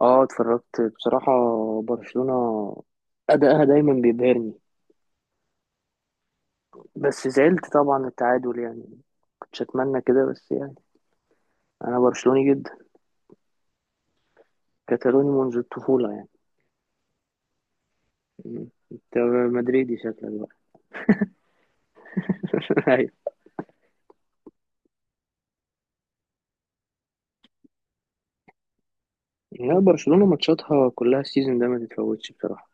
اه اتفرجت بصراحة. برشلونة أداءها دايما بيبهرني. بس زعلت طبعا التعادل يعني كنتش أتمنى كده بس يعني. أنا برشلوني جدا، كتالوني منذ الطفولة يعني. م. أنت مدريدي شكلك بقى؟ أيوة. لا برشلونة ماتشاتها كلها السيزون ده ما تتفوتش بصراحة.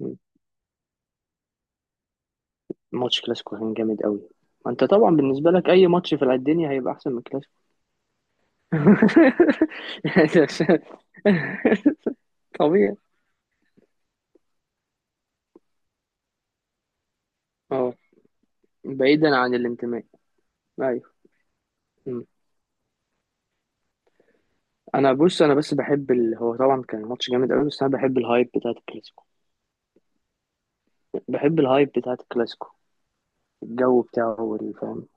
م. ماتش كلاسيكو كان جامد قوي. انت طبعا بالنسبة لك اي ماتش في الدنيا هيبقى احسن من كلاسيكو. يعني طبيعي. اه، بعيدا عن الانتماء. ايوه. انا بص انا بس بحب هو طبعا كان ماتش جامد قوي بس انا بحب الهايب بتاعت الكلاسيكو. بحب الهايب بتاعت الكلاسيكو. الجو بتاعه والفهم.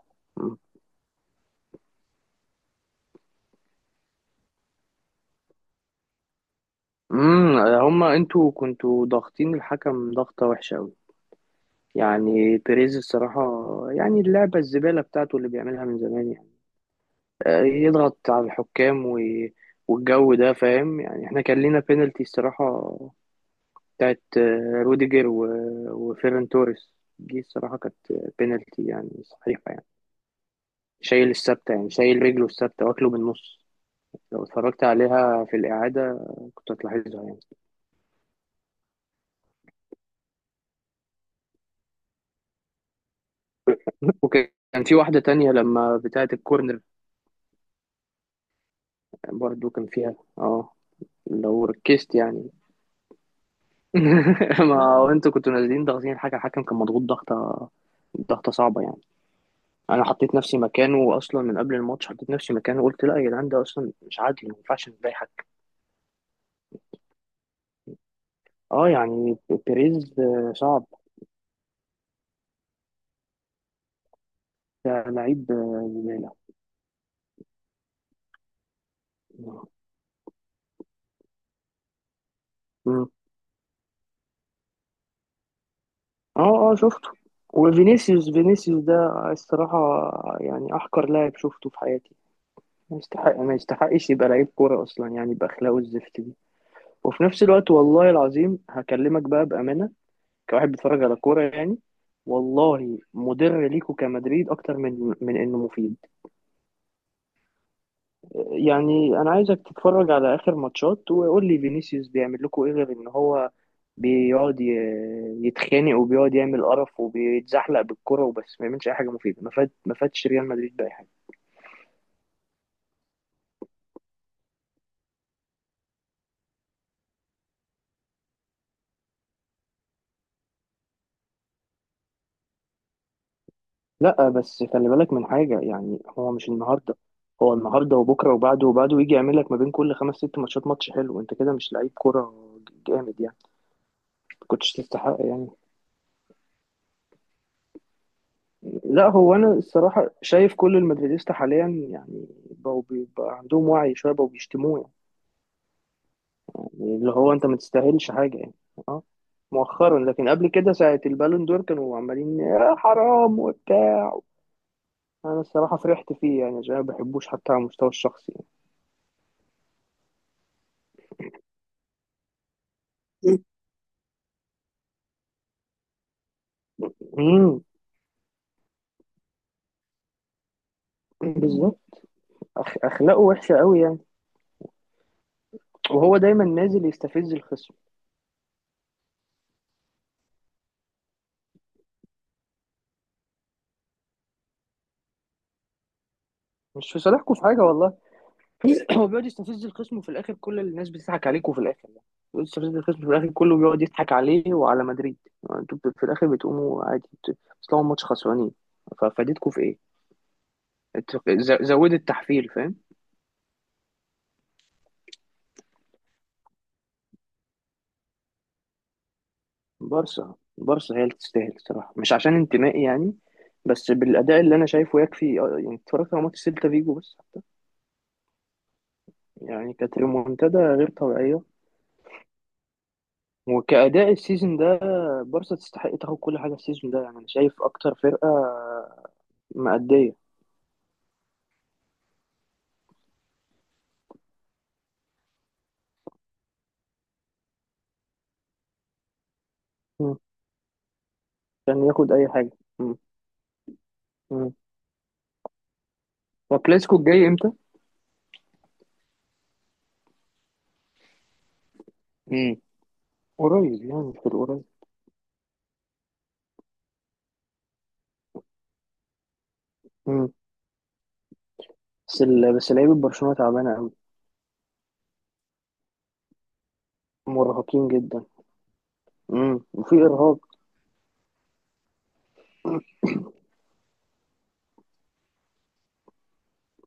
هما انتوا كنتوا ضاغطين الحكم ضغطة وحشة قوي. يعني بيريز الصراحة، يعني اللعبة الزبالة بتاعته اللي بيعملها من زمان يعني يضغط على الحكام والجو ده، فاهم؟ يعني احنا كان لينا بينالتي الصراحة بتاعت روديجر وفيران توريس، دي الصراحة كانت بينالتي يعني صحيحة يعني. شايل الثابتة يعني شايل رجله الثابتة واكله بالنص. لو اتفرجت عليها في الإعادة كنت هتلاحظها يعني. وكان في واحدة تانية لما بتاعة الكورنر برضو كان فيها لو ركزت يعني. ما هو انتوا كنتوا نازلين ضاغطين حاجة. الحكم كان مضغوط ضغطة، ضغطة صعبة يعني. أنا حطيت نفسي مكانه أصلا من قبل الماتش، حطيت نفسي مكانه، قلت لا يا جدعان ده أصلا مش عادي، ما ينفعش نضايق حكم. اه يعني بيريز صعب. ده لعيب زبالة. اه اه شفته. وفينيسيوس فينيسيوس ده الصراحة يعني أحقر لاعب شفته في حياتي. ما يستحقش يبقى لعيب كورة أصلا يعني، بأخلاقه الزفت دي. وفي نفس الوقت والله العظيم هكلمك بقى بأمانة كواحد بيتفرج على كورة يعني. والله مضر ليكوا كمدريد أكتر من إنه مفيد. يعني انا عايزك تتفرج على اخر ماتشات وقول لي فينيسيوس بيعمل لكم ايه غير ان هو بيقعد ي- يتخانق، وبيقعد يعمل قرف وبيتزحلق بالكرة وبس، ما يعملش اي حاجة مفيدة. ما فادش ريال مدريد بأي حاجة. لا بس خلي بالك من حاجة، يعني هو مش النهاردة، هو النهاردة وبكرة وبعده وبعده، ويجي يعمل لك ما بين كل 5 6 ماتشات ماتش حلو. انت كده مش لعيب كرة جامد يعني. ما كنتش تستحق يعني. لا هو انا الصراحه شايف كل المدريديستا حاليا يعني بقوا بيبقى عندهم وعي شويه بقوا بيشتموه يعني. يعني اللي هو انت ما تستاهلش حاجه يعني. اه، مؤخرا لكن قبل كده ساعه البالون دور كانوا عمالين يا حرام وبتاع. انا الصراحه فرحت فيه يعني عشان أنا ما بحبوش حتى على المستوى الشخصي. يعني. مم. بالظبط. اخلاقه وحشه قوي يعني. وهو دايما نازل يستفز الخصم. مش في صالحكم في حاجه، والله. هو بيقعد يستفز الخصم وفي الاخر كل الناس بتضحك عليك، وفي الاخر يعني بيقعد يستفز الخصم في الاخر، كله بيقعد يضحك عليه وعلى مدريد. انتوا في الاخر بتقوموا عادي، بتطلعوا ماتش خسرانين. ففادتكم في ايه؟ زودوا التحفيل، فاهم؟ بارسا بارسا هي اللي تستاهل الصراحه، مش عشان انتمائي يعني. بس بالاداء اللي انا شايفه يكفي يعني اتفرجت على ماتش سيلتا فيجو بس حتى. يعني كانت ريمونتادا غير طبيعيه. وكأداء السيزون ده بارسا تستحق تاخد كل حاجة السيزون ده، يعني أنا شايف أكتر فرقة مأدية. مم. عشان ياخد اي حاجه. مم. مم. وكلاسيكو الجاي امتى؟ امم قريب يعني، في القريب. مم. بس لعيبه برشلونه تعبانه قوي. مرهقين جدا. مم. وفي ارهاق.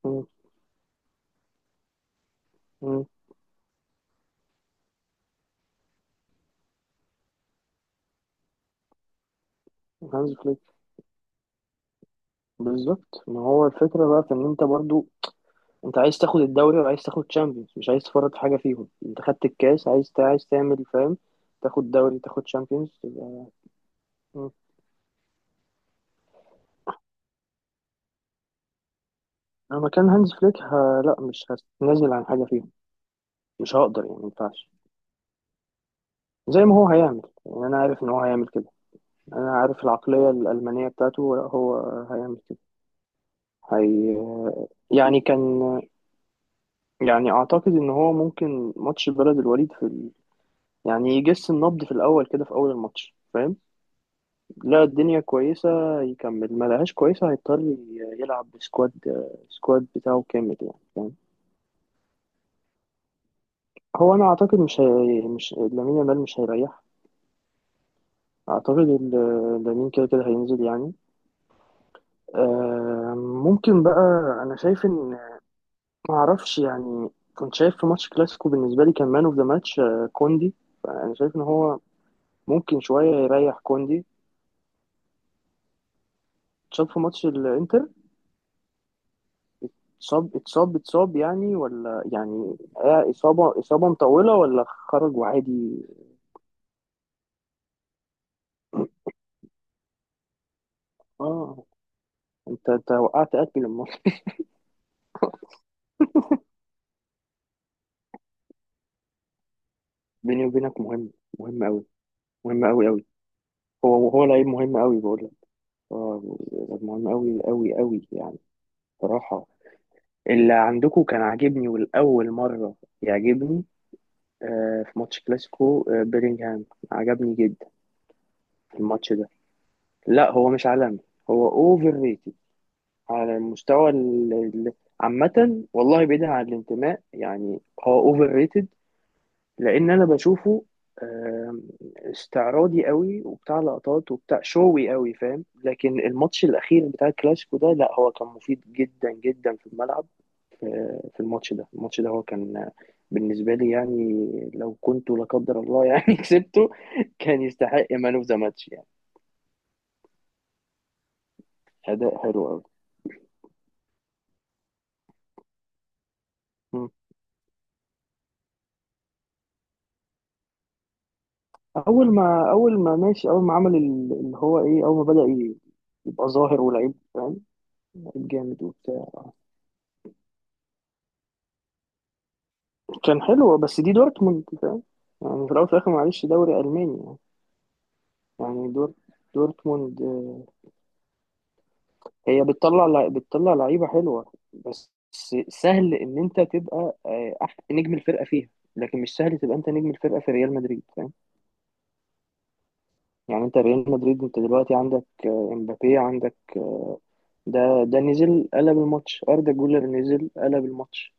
مم. مم. هانز فليك. بالظبط، ما هو الفكره بقى في ان انت برضو، انت عايز تاخد الدوري وعايز تاخد تشامبيونز، مش عايز تفرط في حاجه فيهم. انت خدت الكاس، عايز تعمل، فاهم؟ تاخد دوري، تاخد تشامبيونز، تبقى. مم. انا مكان هانز فليك لا، مش هنزل عن حاجه فيهم. مش هقدر يعني، ما ينفعش. زي ما هو هيعمل، يعني انا عارف ان هو هيعمل كده. انا عارف العقلية الألمانية بتاعته، لا هو هيعمل كده. هي يعني كان يعني اعتقد ان هو ممكن ماتش بلد الوليد في يعني يجس النبض في الاول كده، في اول الماتش، فاهم؟ لا الدنيا كويسة يكمل، ما لهاش كويسة هيضطر يلعب بسكواد، سكواد بتاعه كامل يعني، فاهم؟ هو انا اعتقد مش لامين يامال مش هيريح. اعتقد لامين كده كده هينزل يعني. ممكن بقى. انا شايف ان ما اعرفش يعني. كنت شايف في ماتش كلاسيكو بالنسبه لي كان مان اوف ذا ماتش كوندي. فانا شايف ان هو ممكن شويه يريح كوندي. اتصاب في ماتش الانتر. اتصاب اتصاب اتصاب يعني، ولا يعني اصابه اصابه مطوله ولا خرج وعادي؟ اه، انت وقعت قتل الماتش. بيني وبينك مهم. مهم قوي. مهم قوي قوي. هو لعيب مهم قوي بقول لك. اه، لعيب مهم قوي قوي قوي يعني. صراحه اللي عندكم كان عاجبني، والأول مرة يعجبني في ماتش كلاسيكو بيلينغهام. عجبني جدا في الماتش ده. لا هو مش عالمي، هو اوفر ريتد. على المستوى عامة، والله بعيدا عن الانتماء يعني. هو اوفر ريتد، لأن أنا بشوفه آه، استعراضي قوي وبتاع لقطات وبتاع شوي قوي، فاهم؟ لكن الماتش الأخير بتاع الكلاسيكو ده لا هو كان مفيد جدا جدا في الملعب. في الماتش ده، الماتش ده هو كان بالنسبة لي يعني، لو كنت لا قدر الله يعني كسبته كان يستحق مان اوف ذا ماتش يعني. أداء حلو أوي. مم. أول ما ماشي، أول ما عمل اللي هو إيه، أول ما بدأ يبقى ظاهر ولعيب، فاهم؟ لعيب جامد وبتاع. كان حلو بس دي دورتموند، فاهم؟ يعني في الأول وفي الآخر معلش، دوري ألماني يعني. يعني دورتموند هي بتطلع بتطلع لعيبه حلوه بس. سهل ان انت تبقى نجم الفرقه فيها. لكن مش سهل تبقى انت نجم الفرقه في ريال مدريد، فاهم؟ يعني انت ريال مدريد، انت دلوقتي عندك امبابي، عندك ده نزل قلب الماتش، اردا جولر نزل قلب الماتش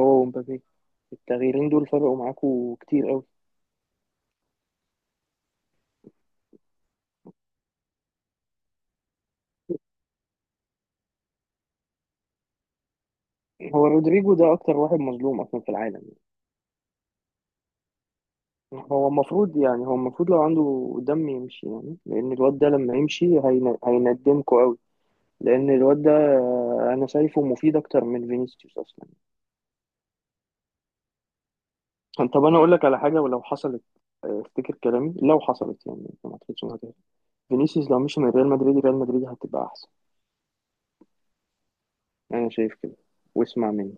هو ومبابي. التغييرين دول فرقوا معاكوا كتير قوي. هو رودريجو ده اكتر واحد مظلوم اصلا في العالم. هو المفروض يعني، هو المفروض لو عنده دم يمشي يعني، لان الواد ده لما يمشي هيندمكوا قوي. لان الواد ده انا شايفه مفيد اكتر من فينيسيوس اصلا. طب انا اقول لك على حاجه، ولو حصلت افتكر كلامي. لو حصلت يعني، ما اعتقدش انها هتحصل. فينيسيوس لو مشي من ريال مدريد، ريال مدريد هتبقى احسن. انا شايف كده، واسمع مني.